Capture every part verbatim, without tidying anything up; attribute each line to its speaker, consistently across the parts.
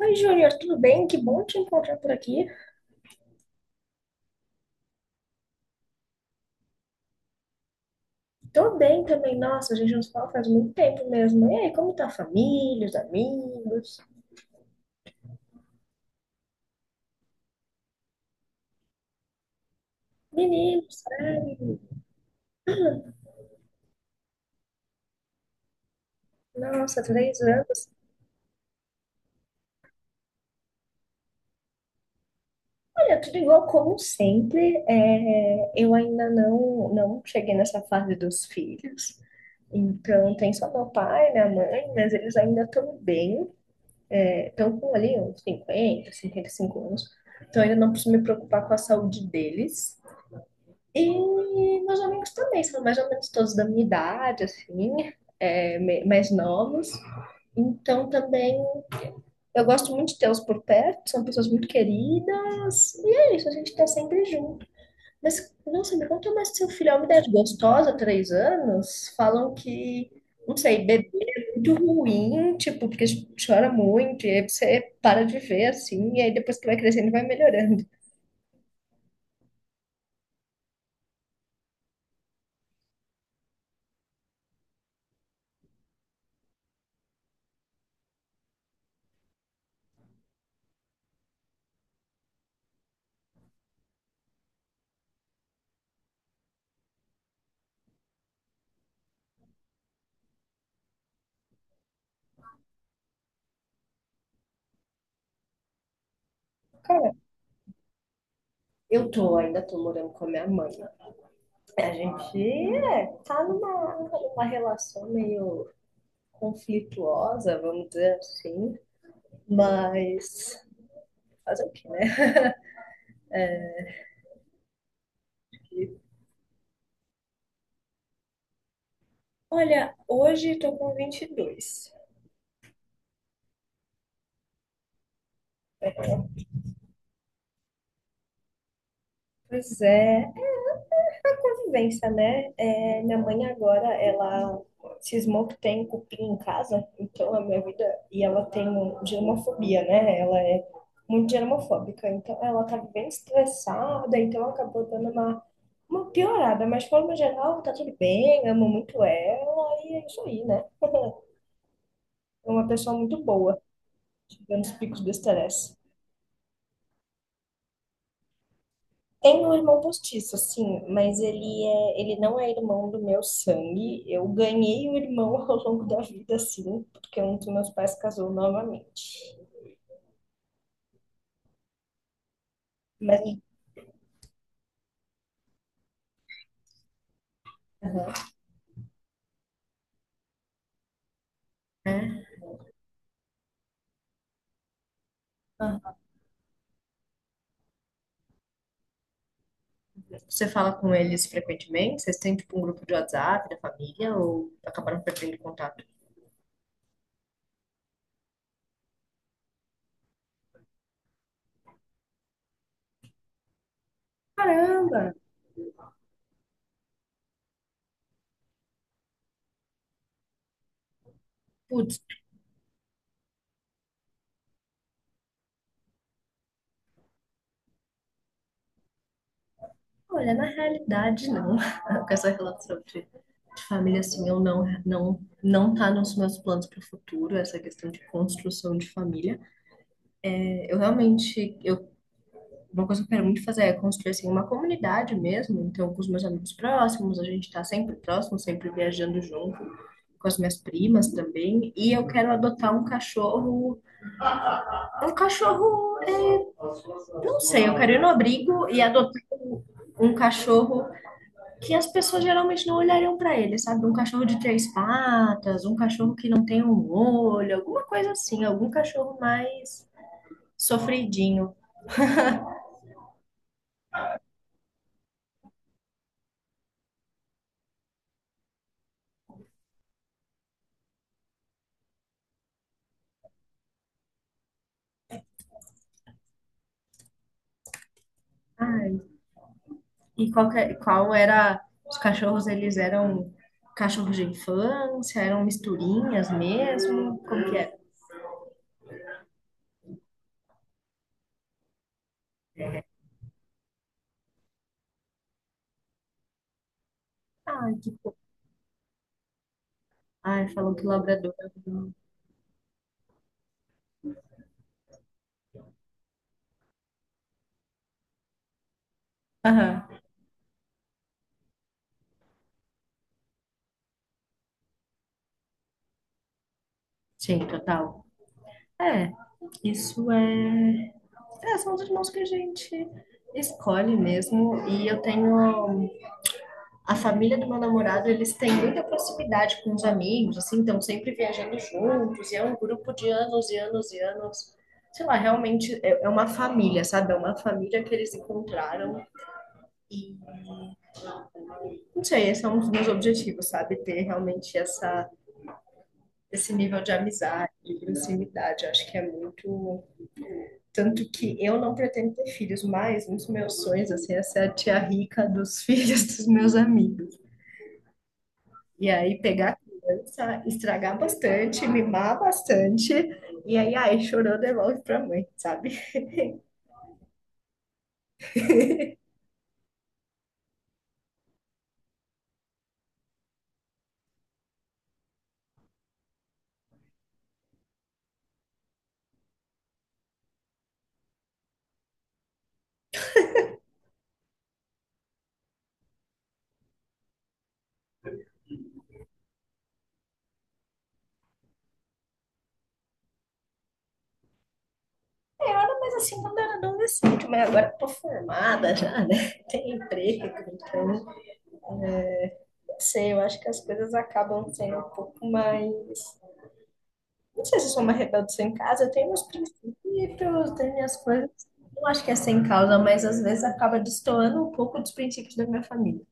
Speaker 1: Oi, Júnior, tudo bem? Que bom te encontrar por aqui. Tô bem também. Nossa, a gente não se fala faz muito tempo mesmo. E aí, como tá a família, os amigos? Meninos, sabe? Nossa, três anos. Olha, tudo igual como sempre. É, eu ainda não, não cheguei nessa fase dos filhos. Então, tem só meu pai, minha mãe, mas eles ainda estão bem. Estão com ali uns cinquenta, cinquenta e cinco anos. Então, ainda não preciso me preocupar com a saúde deles. E meus amigos também, são mais ou menos todos da minha idade, assim, é, me- mais novos. Então também eu gosto muito de tê-los por perto, são pessoas muito queridas. E é isso, a gente tá sempre junto. Mas, nossa, me conta mais do seu filho. É uma idade gostosa, três anos. Falam que, não sei, bebê é muito ruim, tipo, porque chora muito, e aí você para de ver, assim, e aí depois que vai crescendo vai melhorando. Cara, eu tô, ainda tô morando com a minha mãe. A gente é, tá numa, numa relação meio conflituosa, vamos dizer assim, mas fazer o quê, né? Olha, hoje tô com vinte e dois. Pois é, convivência, né? É, minha mãe agora, ela cismou que tem cupim em casa, então a minha vida. E ela tem um germofobia, né? Ela é muito germofóbica, então ela tá bem estressada, então acabou dando uma, uma piorada, mas de forma geral tá tudo bem, amo muito ela e é isso aí, né? É uma pessoa muito boa, tirando os picos do estresse. Tenho um irmão postiço, sim, mas ele é, ele não é irmão do meu sangue. Eu ganhei um irmão ao longo da vida, sim, porque um dos meus pais casou novamente. Mas é. Ah, você fala com eles frequentemente? Vocês têm tipo um grupo de WhatsApp da família ou acabaram perdendo contato? Caramba. Putz, olha, na realidade não. Com essa relação de, de família assim, eu não, não, não tá nos meus planos para o futuro, essa questão de construção de família. É, eu realmente, eu uma coisa que eu quero muito fazer é construir assim, uma comunidade mesmo. Então, com os meus amigos próximos, a gente está sempre próximo, sempre viajando junto, com as minhas primas também. E eu quero adotar um cachorro. Um cachorro, é, não sei, eu quero ir no abrigo e adotar um um cachorro que as pessoas geralmente não olhariam para ele, sabe? Um cachorro de três patas, um cachorro que não tem um olho, alguma coisa assim, algum cachorro mais sofridinho. Ah, e qual, que- é, qual era. Os cachorros, eles eram cachorros de infância, eram misturinhas mesmo? Como que era? Ai, que fofo. Ai, falou que labrador. Aham. Sim, total. É, isso é... é. São os irmãos que a gente escolhe mesmo. E eu tenho. A família do meu namorado, eles têm muita proximidade com os amigos, assim, estão sempre viajando juntos, e é um grupo de anos e anos e anos. Sei lá, realmente é é uma família, sabe? É uma família que eles encontraram e não sei, esse é um dos meus objetivos, sabe? Ter realmente essa, esse nível de amizade, de proximidade. Eu acho que é muito. Tanto que eu não pretendo ter filhos, mas um dos meus sonhos, assim, é ser a tia rica dos filhos dos meus amigos. E aí pegar a criança, estragar bastante, mimar bastante, e aí, ai, chorou, devolve pra mãe, sabe? Eu era mais assim quando era adolescente, mas agora eu tô formada já, né? Tem emprego, então, é, não sei, eu acho que as coisas acabam sendo um pouco mais. Não sei se eu sou uma rebelde sem casa, eu tenho meus princípios, tenho minhas coisas. Não acho que é sem causa, mas às vezes acaba destoando um pouco dos princípios da minha família.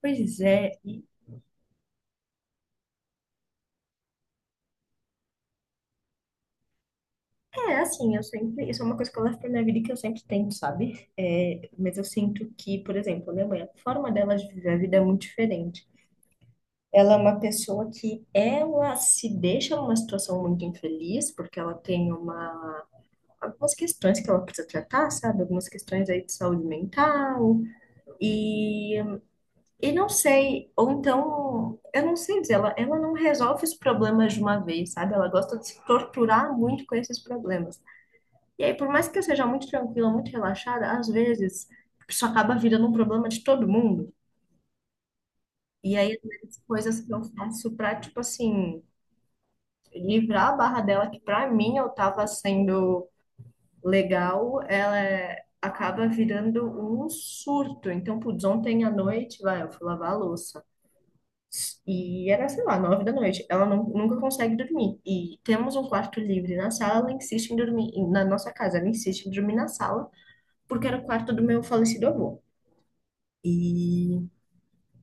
Speaker 1: Pois é, e é, assim, eu sempre, isso é uma coisa que eu levo pra minha vida e que eu sempre tento, sabe? É, mas eu sinto que, por exemplo, minha mãe, a forma dela de viver a vida é muito diferente. Ela é uma pessoa que ela se deixa numa situação muito infeliz, porque ela tem uma, algumas questões que ela precisa tratar, sabe? Algumas questões aí de saúde mental. E, e não sei, ou então, eu não sei dizer, ela, ela não resolve os problemas de uma vez, sabe? Ela gosta de se torturar muito com esses problemas. E aí, por mais que eu seja muito tranquila, muito relaxada, às vezes isso acaba virando um problema de todo mundo. E aí, às vezes, coisas que eu faço pra, tipo assim, livrar a barra dela, que pra mim eu tava sendo legal, ela é- acaba virando um surto. Então, putz, ontem à noite, vai, eu fui lavar a louça. E era, sei lá, nove da noite. Ela não, nunca consegue dormir. E temos um quarto livre na sala, ela insiste em dormir, na nossa casa, ela insiste em dormir na sala, porque era o quarto do meu falecido avô. E,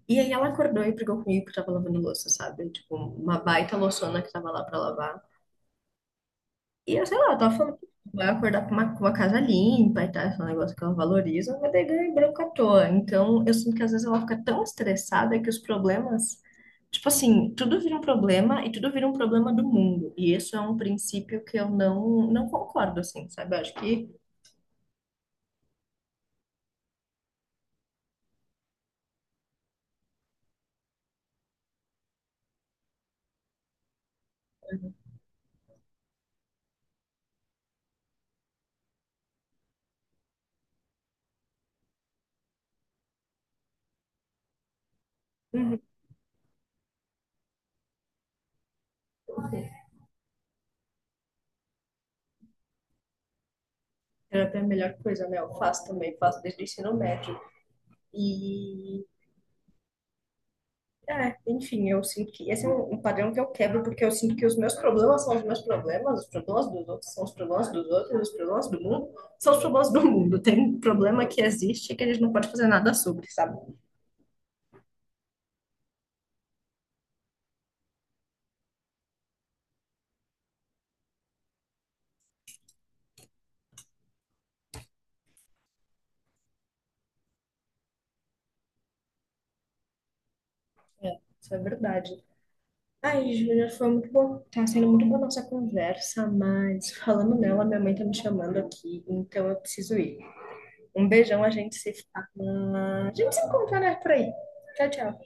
Speaker 1: e aí ela acordou e brigou comigo que eu tava lavando louça, sabe? Tipo, uma baita louçona que tava lá pra lavar. E eu sei lá, eu tava falando que vai acordar com uma, com uma casa limpa e tal, esse negócio que ela valoriza, mas daí ganha branco à toa. Então eu sinto que às vezes ela fica tão estressada que os problemas. Tipo assim, tudo vira um problema e tudo vira um problema do mundo. E isso é um princípio que eu não, não concordo, assim, sabe? Eu acho que uhum. Terapia é a melhor coisa, né? Eu faço também, faço desde o ensino médio. E é, enfim, eu sinto que esse é um, um padrão que eu quebro, porque eu sinto que os meus problemas são os meus problemas, os problemas dos outros são os problemas dos outros, os problemas do mundo são os problemas do mundo. Tem um problema que existe e que a gente não pode fazer nada sobre, sabe? É, isso é verdade. Ai, Júlia, foi muito bom. Tá sendo muito boa a nossa conversa, mas falando nela, minha mãe tá me chamando aqui, então eu preciso ir. Um beijão, a gente se fala. A gente se encontra, né, por aí. Tchau, tchau.